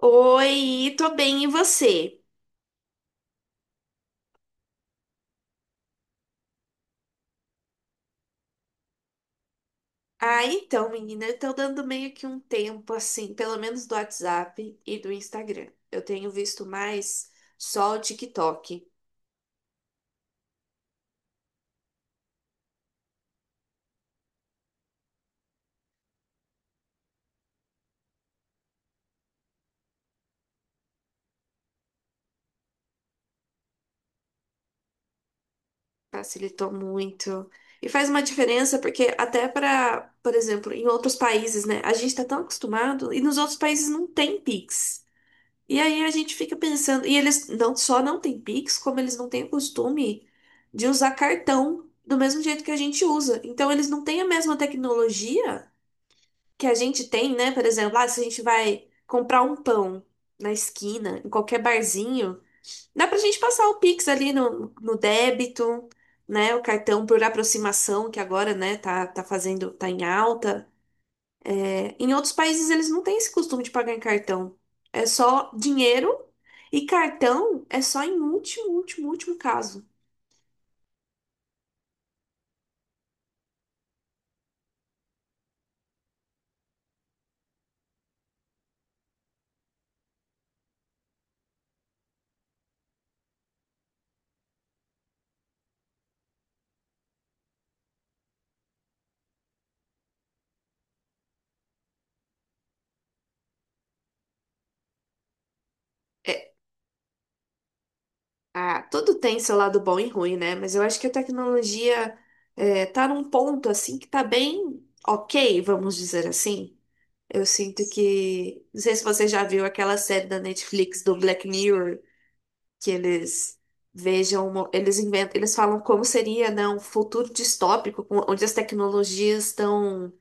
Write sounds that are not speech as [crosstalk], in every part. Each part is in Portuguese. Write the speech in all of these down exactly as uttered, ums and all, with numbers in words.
Oi, tô bem, e você? Ah, então, menina, eu tô dando meio que um tempo, assim, pelo menos do WhatsApp e do Instagram. Eu tenho visto mais só o TikTok. Facilitou muito. E faz uma diferença, porque até pra, por exemplo, em outros países, né? A gente tá tão acostumado e nos outros países não tem Pix. E aí a gente fica pensando, e eles não só não têm Pix, como eles não têm o costume de usar cartão do mesmo jeito que a gente usa. Então eles não têm a mesma tecnologia que a gente tem, né? Por exemplo, ah, se a gente vai comprar um pão na esquina, em qualquer barzinho, dá pra gente passar o Pix ali no, no débito, né? O cartão por aproximação, que agora, né, tá, tá fazendo, tá em alta. Em outros países eles não têm esse costume de pagar em cartão. É só dinheiro e cartão é só em último, último, último caso. É, ah, tudo tem seu lado bom e ruim, né? Mas eu acho que a tecnologia é, tá num ponto assim que tá bem ok, vamos dizer assim. Eu sinto que. Não sei se você já viu aquela série da Netflix do Black Mirror, que eles vejam, uma- eles inventam, eles falam como seria, né, um futuro distópico, com- onde as tecnologias estão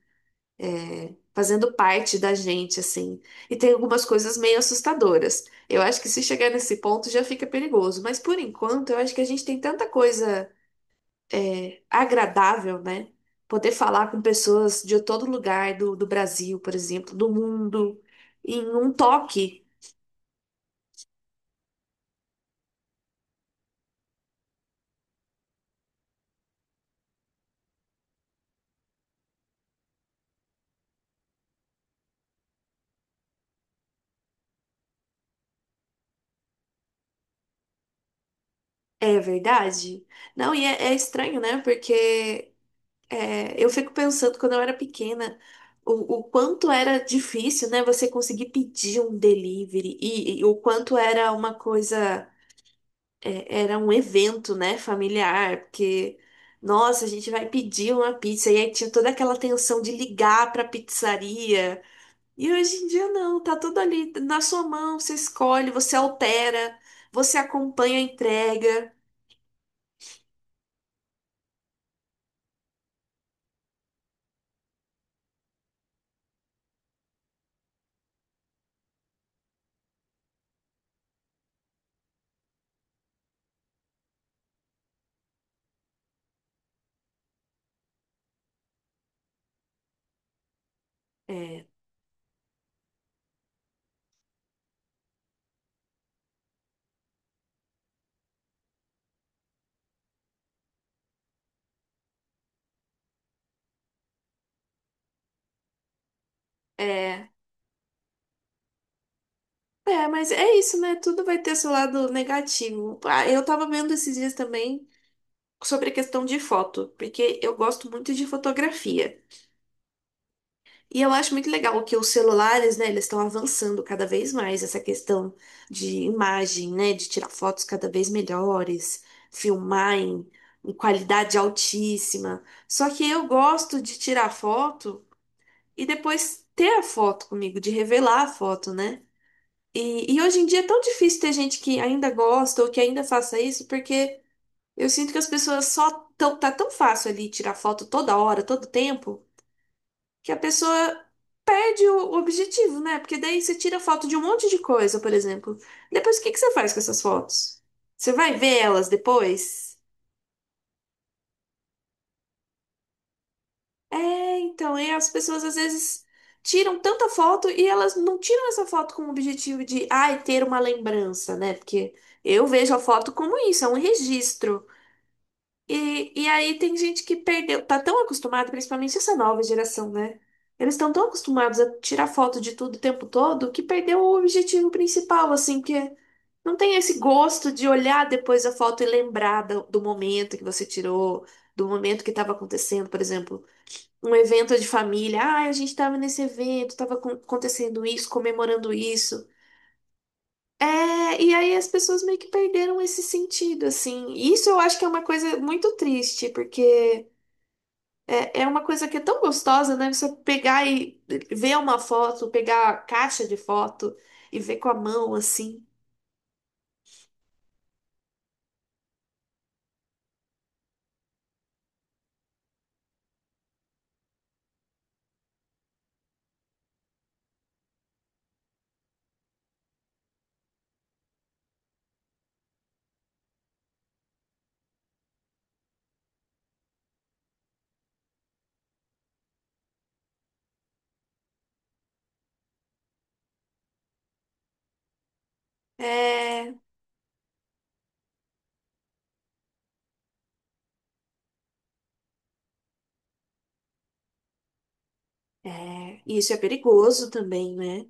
fazendo parte da gente, assim. E tem algumas coisas meio assustadoras. Eu acho que se chegar nesse ponto já fica perigoso, mas por enquanto eu acho que a gente tem tanta coisa é, agradável, né? Poder falar com pessoas de todo lugar do, do Brasil, por exemplo, do mundo, em um toque. É verdade? Não, e é, é estranho, né? Porque é, eu fico pensando quando eu era pequena o, o quanto era difícil, né, você conseguir pedir um delivery e, e o quanto era uma coisa, é, era um evento, né, familiar, porque nossa, a gente vai pedir uma pizza e aí tinha toda aquela tensão de ligar para pizzaria. E hoje em dia não, tá tudo ali na sua mão, você escolhe, você altera, você acompanha a entrega. É, é. É, mas é isso, né? Tudo vai ter seu lado negativo. Ah, eu tava vendo esses dias também sobre a questão de foto, porque eu gosto muito de fotografia. E eu acho muito legal que os celulares, né, eles estão avançando cada vez mais essa questão de imagem, né, de tirar fotos cada vez melhores, filmar em, em qualidade altíssima. Só que eu gosto de tirar foto e depois ter a foto comigo, de revelar a foto, né? E, e hoje em dia é tão difícil ter gente que ainda gosta ou que ainda faça isso, porque eu sinto que as pessoas só tão, tá tão fácil ali tirar foto toda hora, todo tempo, que a pessoa perde o, o objetivo, né? Porque daí você tira foto de um monte de coisa, por exemplo. Depois o que que você faz com essas fotos? Você vai ver elas depois? É, então, e as pessoas às vezes tiram tanta foto e elas não tiram essa foto com o objetivo de, ai, ter uma lembrança, né? Porque eu vejo a foto como isso, é um registro. E, e aí tem gente que perdeu, tá tão acostumado, principalmente essa nova geração, né? Eles estão tão acostumados a tirar foto de tudo o tempo todo que perdeu o objetivo principal, assim, que não tem esse gosto de olhar depois a foto e lembrar do, do momento que você tirou, do momento que estava acontecendo, por exemplo, um evento de família. Ah, a gente estava nesse evento, estava acontecendo isso, comemorando isso. É, e aí as pessoas meio que perderam esse sentido, assim. E isso eu acho que é uma coisa muito triste, porque é, é uma coisa que é tão gostosa, né? Você pegar e ver uma foto, pegar a caixa de foto e ver com a mão assim. É, é, e isso é perigoso também, né?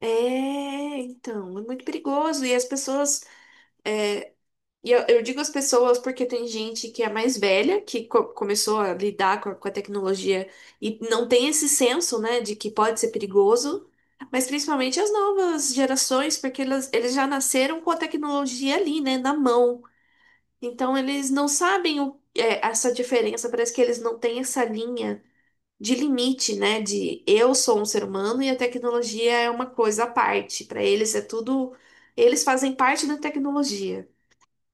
É, então, é muito perigoso. E as pessoas, é, e eu, eu digo as pessoas porque tem gente que é mais velha, que co- começou a lidar com a, com a tecnologia e não tem esse senso, né, de que pode ser perigoso, mas principalmente as novas gerações, porque elas, eles já nasceram com a tecnologia ali, né, na mão. Então eles não sabem o, é, essa diferença, parece que eles não têm essa linha de limite, né, de eu sou um ser humano e a tecnologia é uma coisa à parte. Para eles é tudo, eles fazem parte da tecnologia.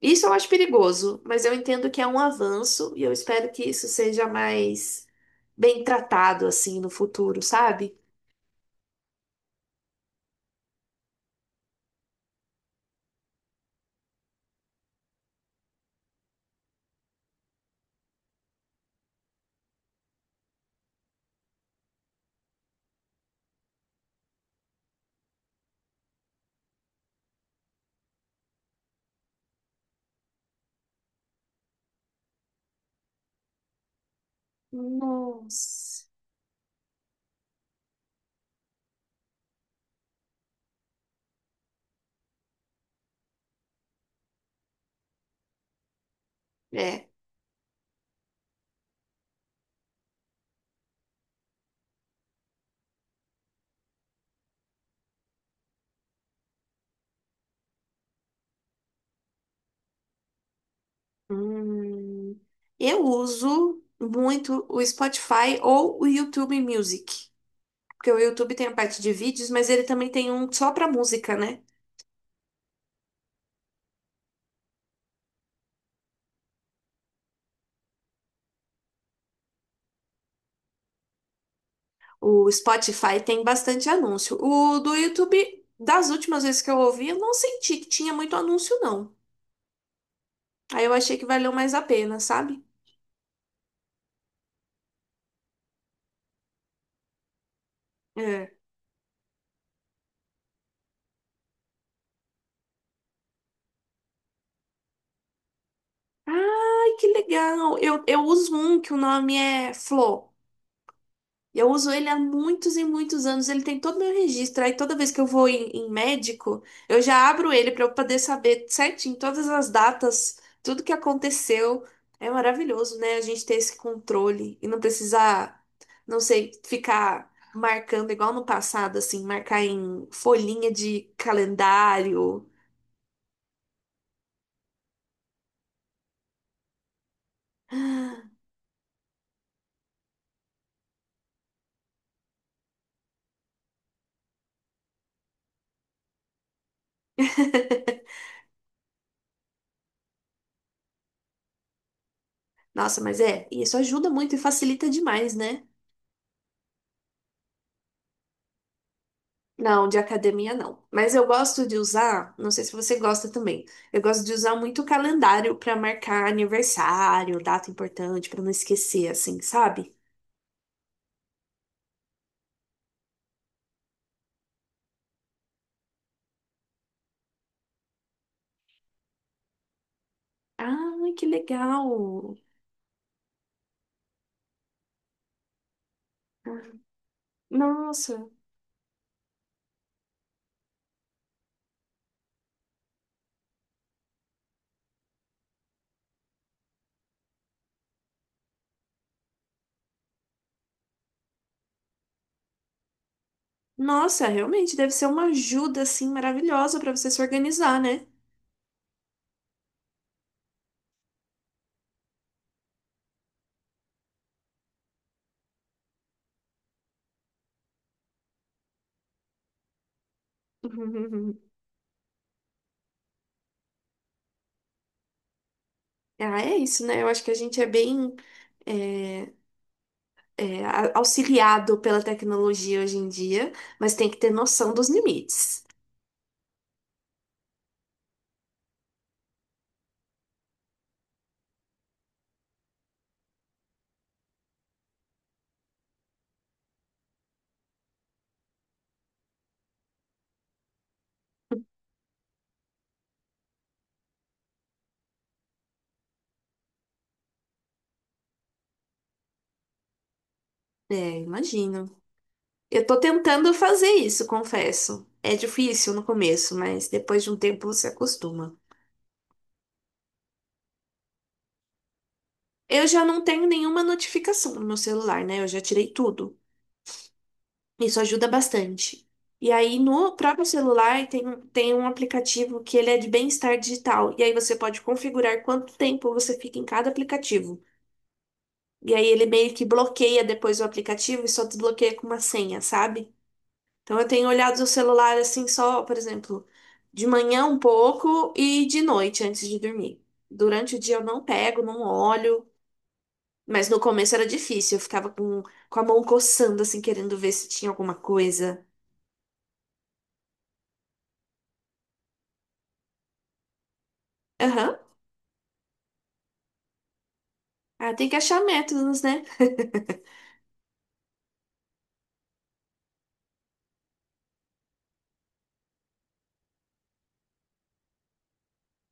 Isso eu acho perigoso, mas eu entendo que é um avanço e eu espero que isso seja mais bem tratado assim no futuro, sabe? Nossa. É. Hum, eu uso muito o Spotify ou o YouTube Music, porque o YouTube tem a parte de vídeos, mas ele também tem um só para música, né? O Spotify tem bastante anúncio. O do YouTube, das últimas vezes que eu ouvi, eu não senti que tinha muito anúncio, não. Aí eu achei que valeu mais a pena, sabe? É. Ai, que legal! Eu, eu uso um que o nome é Flo. Eu uso ele há muitos e muitos anos. Ele tem todo o meu registro. Aí toda vez que eu vou em, em médico, eu já abro ele para eu poder saber certinho todas as datas, tudo que aconteceu. É maravilhoso, né? A gente ter esse controle e não precisar, não sei, ficar marcando igual no passado, assim, marcar em folhinha de calendário. [laughs] Nossa, mas é, isso ajuda muito e facilita demais, né? Não, de academia não. Mas eu gosto de usar, não sei se você gosta também. Eu gosto de usar muito o calendário pra marcar aniversário, data importante, pra não esquecer, assim, sabe? Ah, que legal. Nossa. Nossa, realmente deve ser uma ajuda assim maravilhosa pra você se organizar, né? [laughs] Ah, é isso, né? Eu acho que a gente é bem eh, é, a- auxiliado pela tecnologia hoje em dia, mas tem que ter noção dos limites. É, imagino. Eu tô tentando fazer isso, confesso. É difícil no começo, mas depois de um tempo você acostuma. Eu já não tenho nenhuma notificação no meu celular, né? Eu já tirei tudo. Isso ajuda bastante. E aí, no próprio celular, tem, um- tem um aplicativo que ele é de bem-estar digital. E aí você pode configurar quanto tempo você fica em cada aplicativo. E aí ele meio que bloqueia depois o aplicativo e só desbloqueia com uma senha, sabe? Então eu tenho olhado o celular assim só, por exemplo, de manhã um pouco e de noite antes de dormir. Durante o dia eu não pego, não olho, mas no começo era difícil, eu ficava com, com a mão coçando assim, querendo ver se tinha alguma coisa. Aham. Ah, tem que achar métodos, né?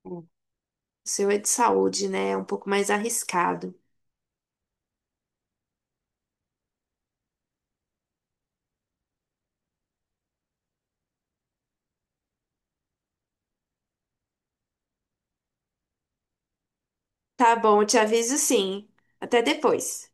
O seu é de saúde, né? É um pouco mais arriscado. Tá bom, eu te aviso sim. Até depois.